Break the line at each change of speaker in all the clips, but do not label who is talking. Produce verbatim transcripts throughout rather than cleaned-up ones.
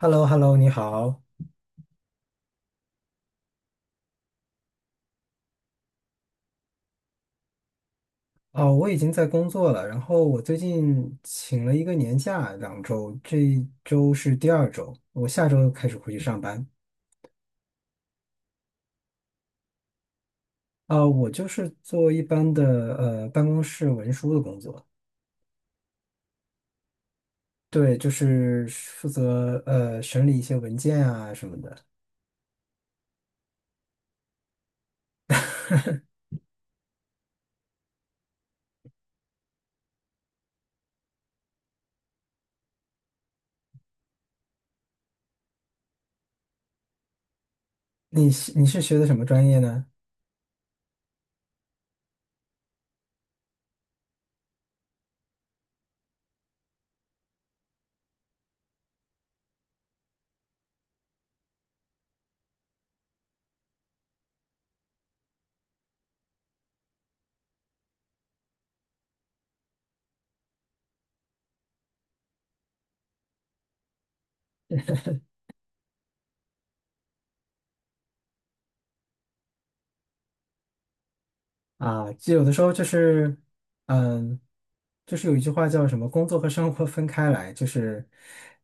h e l l o h e l l o 你好。哦，我已经在工作了，然后我最近请了一个年假，两周，这一周是第二周，我下周开始回去上班。啊、我就是做一般的呃办公室文书的工作。对，就是负责呃审理一些文件啊什么的。你是你是学的什么专业呢？啊，就有的时候就是，嗯，就是有一句话叫什么"工作和生活分开来"，就是，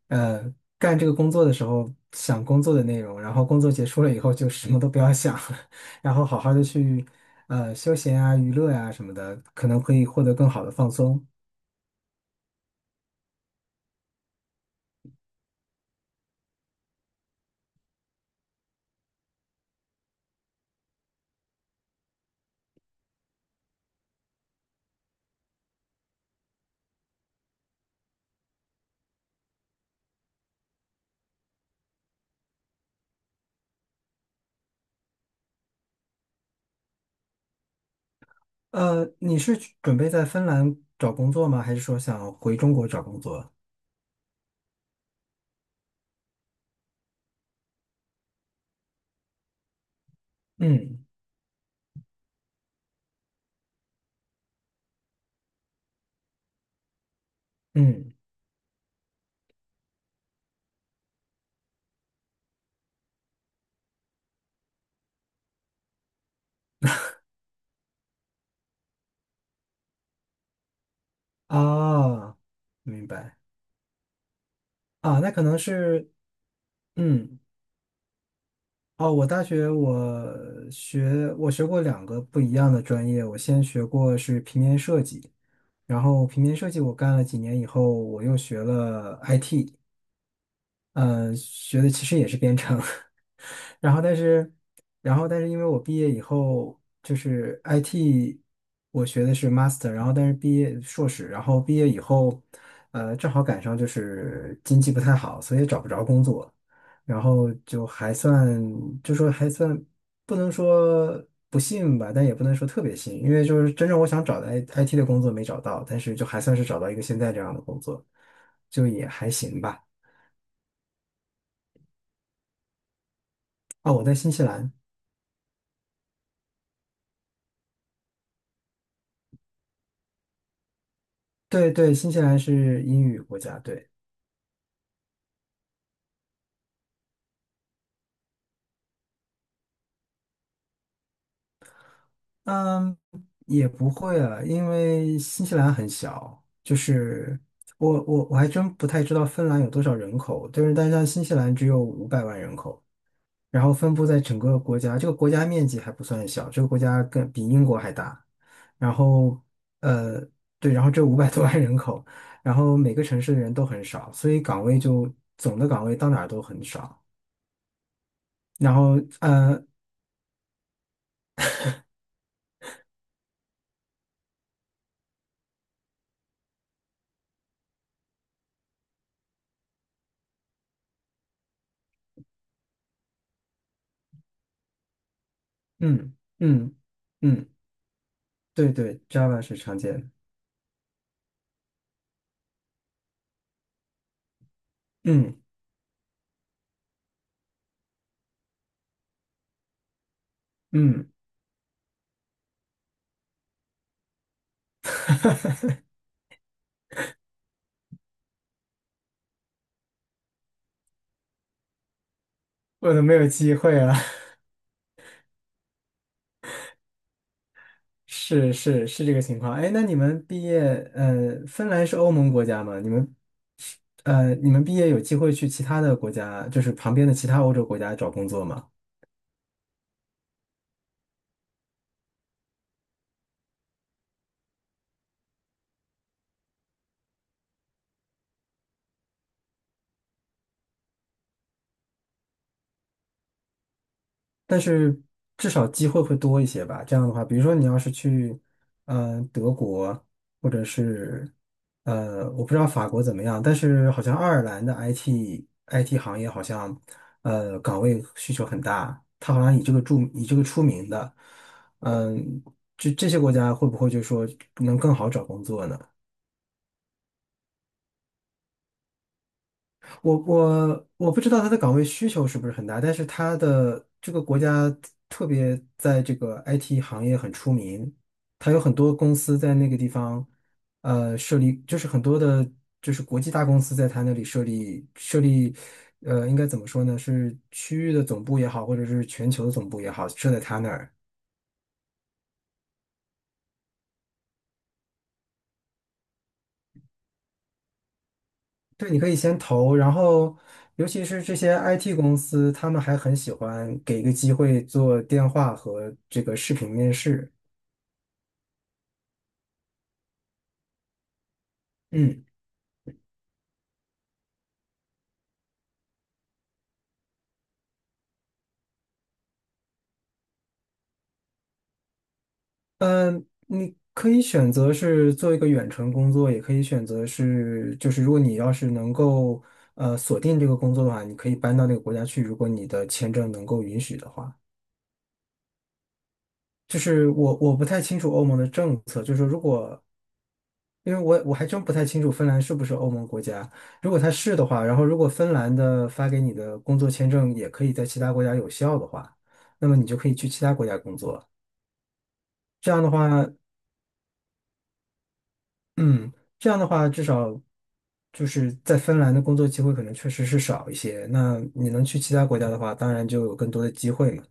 呃，干这个工作的时候想工作的内容，然后工作结束了以后就什么都不要想，然后好好的去，呃，休闲啊、娱乐呀、什么的，可能可以获得更好的放松。呃，你是去准备在芬兰找工作吗？还是说想回中国找工作？嗯嗯。啊，明白。啊，那可能是，嗯。哦，我大学我学我学过两个不一样的专业，我先学过是平面设计，然后平面设计我干了几年以后，我又学了 I T,呃，学的其实也是编程。然后但是，然后但是因为我毕业以后就是 I T,我学的是 master,然后但是毕业硕士，然后毕业以后，呃，正好赶上就是经济不太好，所以找不着工作，然后就还算就说还算，不能说不幸吧，但也不能说特别幸，因为就是真正我想找的 I- IT 的工作没找到，但是就还算是找到一个现在这样的工作，就也还行吧。哦，我在新西兰。对对，新西兰是英语国家，对。嗯，也不会啊，因为新西兰很小，就是我我我还真不太知道芬兰有多少人口，但是但是像新西兰只有五百万人口，然后分布在整个国家，这个国家面积还不算小，这个国家更比英国还大，然后呃对，然后这五百多万人口，然后每个城市的人都很少，所以岗位就总的岗位到哪儿都很少，然后呃嗯嗯嗯，对对，Java 是常见的。嗯。嗯。我都没有机会了。是是是，这个情况。哎，那你们毕业，呃，芬兰是欧盟国家吗？你们，呃，你们毕业有机会去其他的国家，就是旁边的其他欧洲国家找工作吗？但是至少机会会多一些吧。这样的话，比如说你要是去，嗯、德国，或者是，呃，我不知道法国怎么样，但是好像爱尔兰的 I T I T 行业好像，呃，岗位需求很大，它好像以这个著以这个出名的，嗯、这这些国家会不会就说能更好找工作呢？我我我不知道他的岗位需求是不是很大，但是他的这个国家特别在这个 I T 行业很出名，他有很多公司在那个地方，呃，设立就是很多的，就是国际大公司在他那里设立设立，呃，应该怎么说呢？是区域的总部也好，或者是全球的总部也好，设在他那儿。对，你可以先投，然后尤其是这些 I T 公司，他们还很喜欢给一个机会做电话和这个视频面试。嗯，呃，你可以选择是做一个远程工作，也可以选择是，就是如果你要是能够呃锁定这个工作的话，你可以搬到那个国家去，如果你的签证能够允许的话。就是我我不太清楚欧盟的政策，就是说如果，因为我我还真不太清楚芬兰是不是欧盟国家，如果它是的话，然后如果芬兰的发给你的工作签证也可以在其他国家有效的话，那么你就可以去其他国家工作。这样的话，嗯，这样的话，至少就是在芬兰的工作机会可能确实是少一些。那你能去其他国家的话，当然就有更多的机会嘛。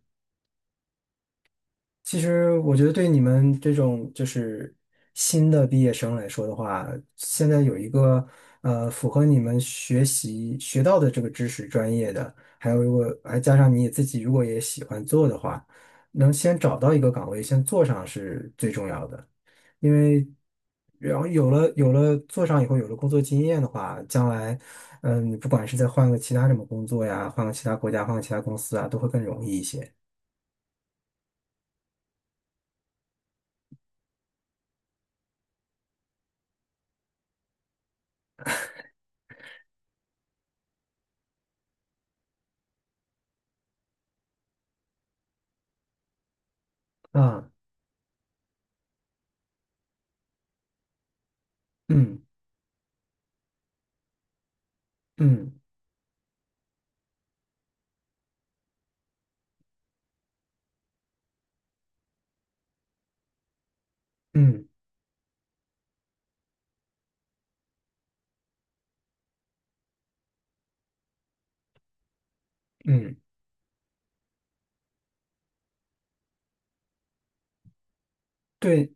其实我觉得对你们这种就是新的毕业生来说的话，现在有一个呃符合你们学习学到的这个知识专业的，还有如果还加上你自己如果也喜欢做的话，能先找到一个岗位先做上是最重要的，因为，然后有了有了做上以后有了工作经验的话，将来，嗯，你不管是再换个其他什么工作呀，换个其他国家，换个其他公司啊，都会更容易一些啊。嗯嗯。嗯嗯，对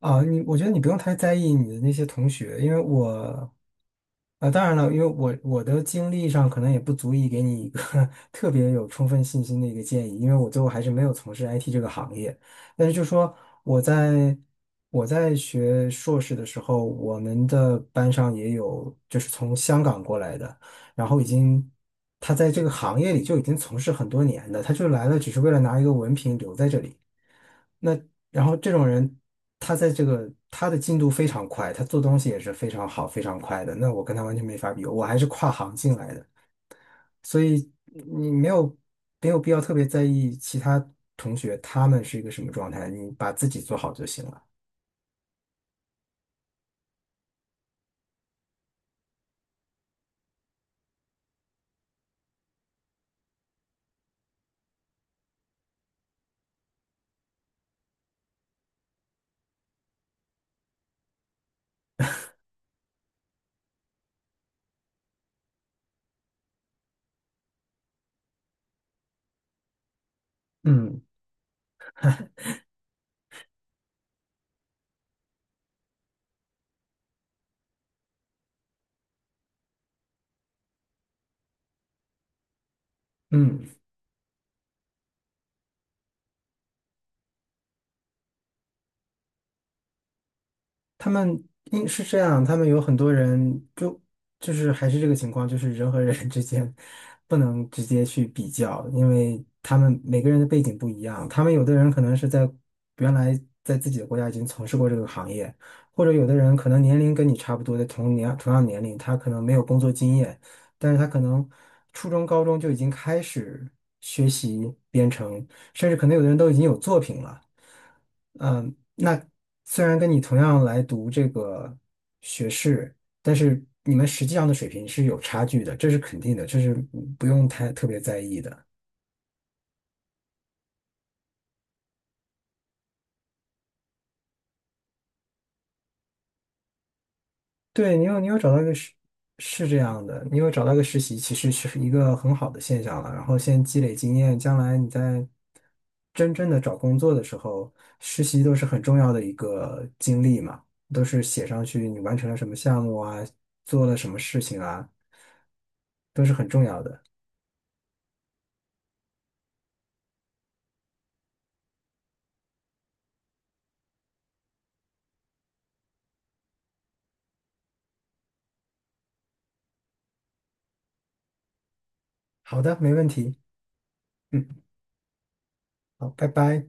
啊，你，我觉得你不用太在意你的那些同学，因为我，啊，当然了，因为我我的经历上可能也不足以给你一个 特别有充分信心的一个建议，因为我最后还是没有从事 I T 这个行业。但是就说，我在我在学硕士的时候，我们的班上也有就是从香港过来的，然后已经，他在这个行业里就已经从事很多年的，他就来了只是为了拿一个文凭留在这里。那。然后这种人，他在这个，他的进度非常快，他做东西也是非常好、非常快的。那我跟他完全没法比，我还是跨行进来的，所以你没有没有必要特别在意其他同学他们是一个什么状态，你把自己做好就行了。嗯嗯。他们应是这样，他们有很多人就，就是还是这个情况，就是人和人 之间不能直接去比较，因为他们每个人的背景不一样。他们有的人可能是在原来，在自己的国家已经从事过这个行业，或者有的人可能年龄跟你差不多的同年同样年龄，他可能没有工作经验，但是他可能初中、高中就已经开始学习编程，甚至可能有的人都已经有作品了。嗯，那虽然跟你同样来读这个学士，但是你们实际上的水平是有差距的，这是肯定的，这是不用太特别在意的。对，你有你有找到一个实是这样的，你有找到一个实习，其实是一个很好的现象了。然后先积累经验，将来你在真正的找工作的时候，实习都是很重要的一个经历嘛，都是写上去你完成了什么项目啊，做了什么事情啊，都是很重要的。好的，没问题。嗯，好，拜拜。